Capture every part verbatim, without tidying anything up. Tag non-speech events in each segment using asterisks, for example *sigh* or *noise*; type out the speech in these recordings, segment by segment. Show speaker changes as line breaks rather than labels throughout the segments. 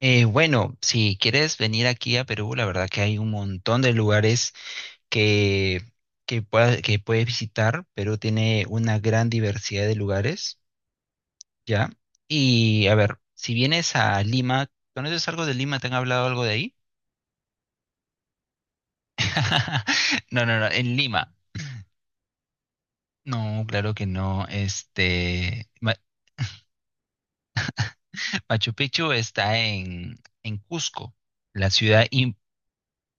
Eh, bueno, si quieres venir aquí a Perú, la verdad que hay un montón de lugares que, que, pueda- que puedes visitar. Perú tiene una gran diversidad de lugares, ¿ya? Y a ver, si vienes a Lima, ¿conoces algo de Lima? ¿Te han hablado algo de ahí? *laughs* No, no, no, en Lima. No, claro que no. Este, Ma- Machu Picchu está en, en Cusco, la ciudad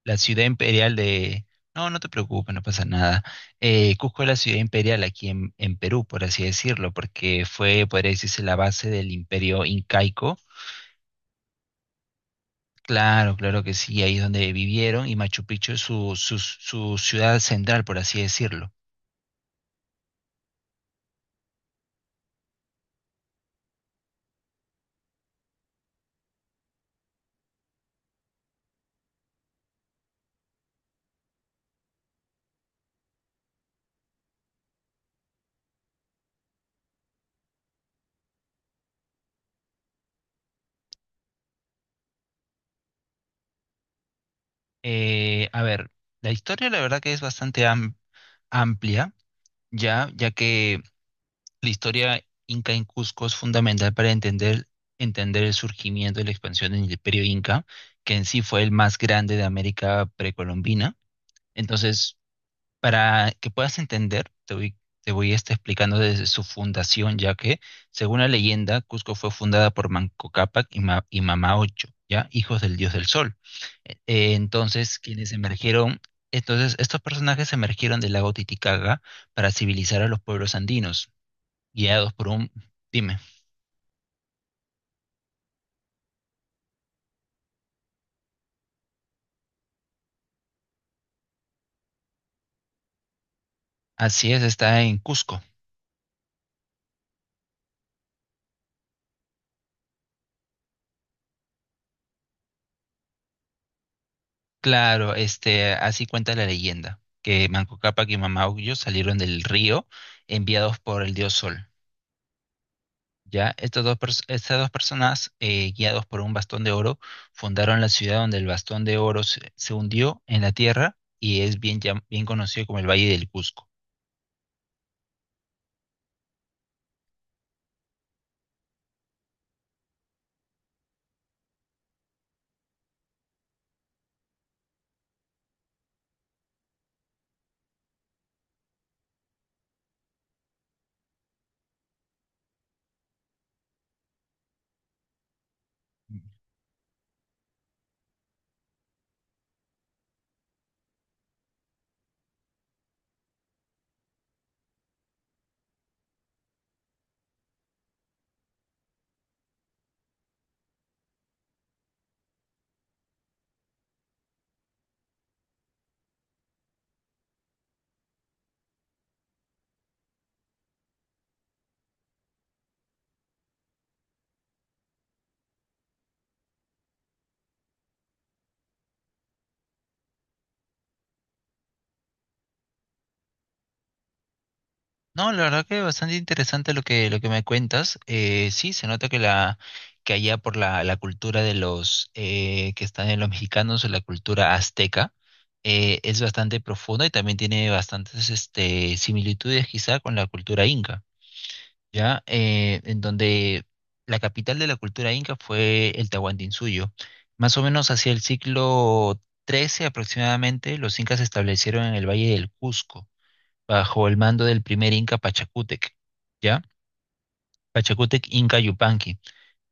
la ciudad imperial de. No, no te preocupes, no pasa nada. Eh, Cusco es la ciudad imperial aquí en, en Perú, por así decirlo, porque fue, podría decirse, la base del imperio incaico. Claro, claro que sí, ahí es donde vivieron y Machu Picchu es su, su, su ciudad central, por así decirlo. Eh, a ver, la historia la verdad que es bastante am- amplia, ya, ya que La historia inca en Cusco es fundamental para entender, entender el surgimiento y la expansión del imperio inca, que en sí fue el más grande de América precolombina. Entonces, para que puedas entender, te voy, te voy a estar explicando desde su fundación, ya que, según la leyenda, Cusco fue fundada por Manco Cápac y, Ma- y Mamá Ocho, ¿ya? Hijos del dios del sol. Eh, eh, entonces, quienes emergieron, entonces, estos personajes emergieron del lago Titicaca para civilizar a los pueblos andinos guiados por un. Dime, así es, está en Cusco. Claro, este, así cuenta la leyenda, que Manco Cápac y Mamahuyo salieron del río enviados por el dios Sol. Ya, estas dos, pers- estas dos personas, eh, guiados por un bastón de oro, fundaron la ciudad donde el bastón de oro se, se hundió en la tierra y es bien, llam- bien conocido como el Valle del Cusco. No, la verdad que bastante interesante lo que, lo que me cuentas. Eh, sí, se nota que la que allá por la, la cultura de los eh, que están en los mexicanos, la cultura azteca, eh, es bastante profunda y también tiene bastantes este, similitudes quizá con la cultura inca, ¿ya? Eh, en donde la capital de la cultura inca fue el Tahuantinsuyo. Más o menos hacia el siglo trece aproximadamente, los incas se establecieron en el Valle del Cusco bajo el mando del primer Inca Pachacútec, ¿ya? Pachacútec Inca Yupanqui.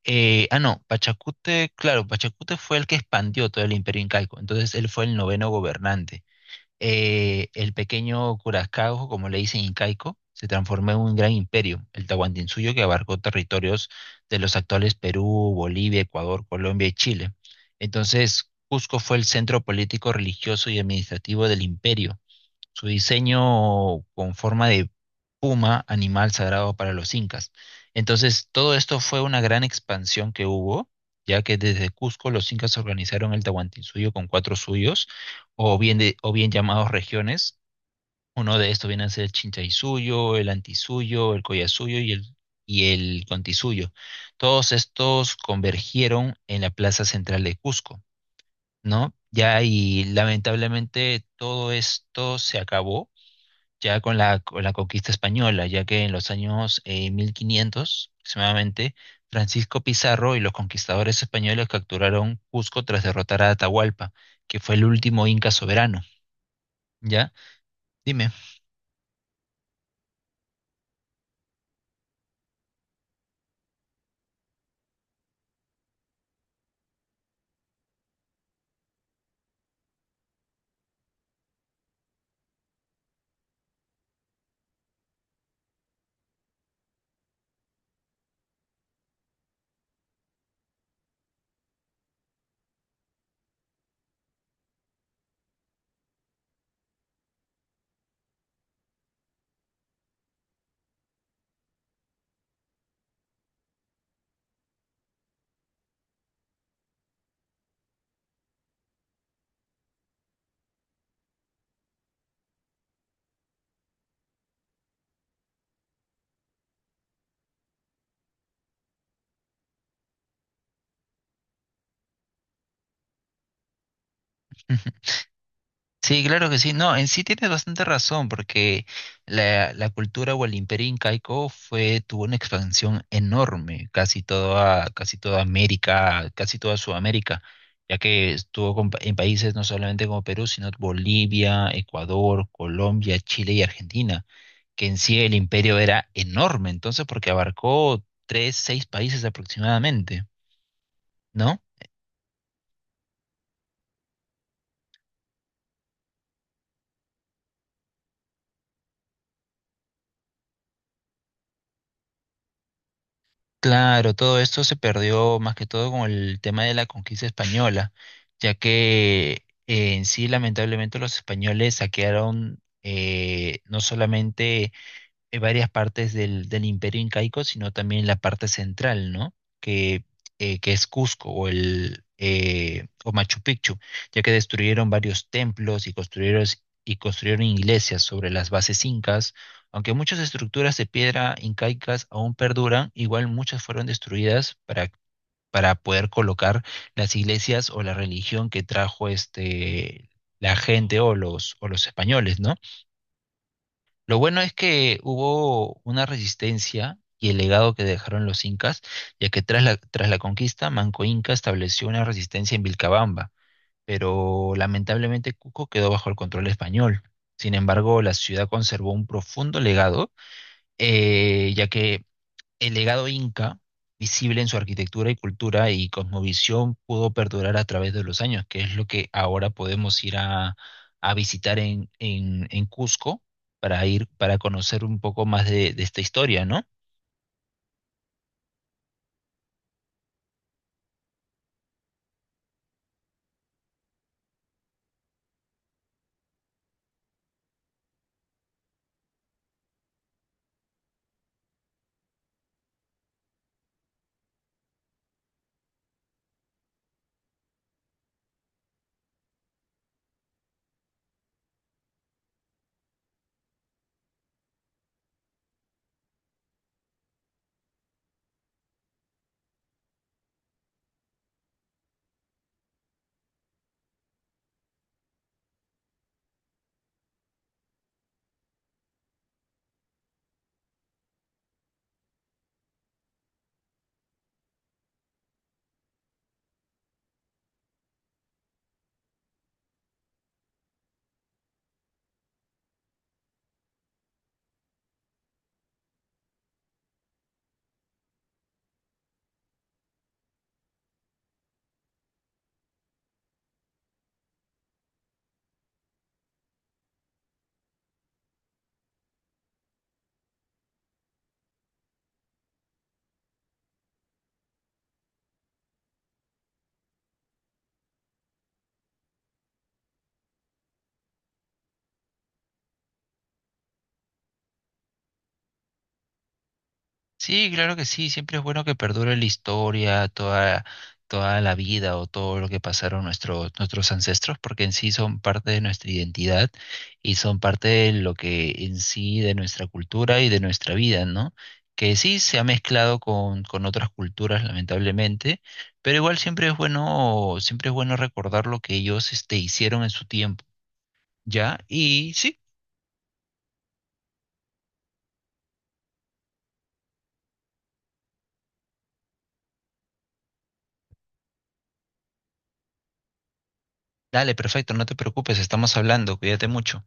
Eh, ah, no, Pachacútec, claro, Pachacútec fue el que expandió todo el imperio incaico, entonces él fue el noveno gobernante. Eh, el pequeño Curaçao, como le dicen incaico, se transformó en un gran imperio, el Tahuantinsuyo, que abarcó territorios de los actuales Perú, Bolivia, Ecuador, Colombia y Chile. Entonces, Cusco fue el centro político, religioso y administrativo del imperio. Su diseño con forma de puma, animal sagrado para los incas. Entonces, todo esto fue una gran expansión que hubo, ya que desde Cusco los incas organizaron el Tahuantinsuyo con cuatro suyos, o bien, de- o bien llamados regiones. Uno de estos viene a ser el Chinchaisuyo, el Antisuyo, el Collasuyo y el, y el Contisuyo. Todos estos convergieron en la plaza central de Cusco, ¿no? Ya, y lamentablemente todo esto se acabó ya con la, con la conquista española, ya que en los años eh, mil quinientos aproximadamente, Francisco Pizarro y los conquistadores españoles capturaron Cusco tras derrotar a Atahualpa, que fue el último inca soberano. ¿Ya? Dime. *laughs* Sí, claro que sí. No, en sí tienes bastante razón, porque la, la cultura o el imperio incaico fue, tuvo una expansión enorme, casi toda, casi toda América, casi toda Sudamérica, ya que estuvo con pa- en países no solamente como Perú, sino Bolivia, Ecuador, Colombia, Chile y Argentina, que en sí el imperio era enorme, entonces, porque abarcó tres, seis países aproximadamente, ¿no? Claro, todo esto se perdió más que todo con el tema de la conquista española, ya que eh, en sí lamentablemente los españoles saquearon eh, no solamente eh, varias partes del, del Imperio Incaico, sino también la parte central, ¿no? Que, eh, que es Cusco o el eh, o Machu Picchu, ya que destruyeron varios templos y construyeron, y construyeron iglesias sobre las bases incas. Aunque muchas estructuras de piedra incaicas aún perduran, igual muchas fueron destruidas para, para poder colocar las iglesias o la religión que trajo este, la gente o los, o los españoles, ¿no? Lo bueno es que hubo una resistencia y el legado que dejaron los incas, ya que tras la, tras la conquista, Manco Inca estableció una resistencia en Vilcabamba, pero lamentablemente Cusco quedó bajo el control español. Sin embargo, la ciudad conservó un profundo legado, eh, ya que el legado inca, visible en su arquitectura y cultura y cosmovisión, pudo perdurar a través de los años, que es lo que ahora podemos ir a, a visitar en, en, en Cusco para ir, para conocer un poco más de, de esta historia, ¿no? Sí, claro que sí, siempre es bueno que perdure la historia, toda, toda la vida o todo lo que pasaron nuestros, nuestros ancestros, porque en sí son parte de nuestra identidad y son parte de lo que en sí de nuestra cultura y de nuestra vida, ¿no? Que sí se ha mezclado con, con otras culturas, lamentablemente, pero igual siempre es bueno, siempre es bueno recordar lo que ellos este, hicieron en su tiempo, ¿ya? Y sí, dale, perfecto, no te preocupes, estamos hablando, cuídate mucho.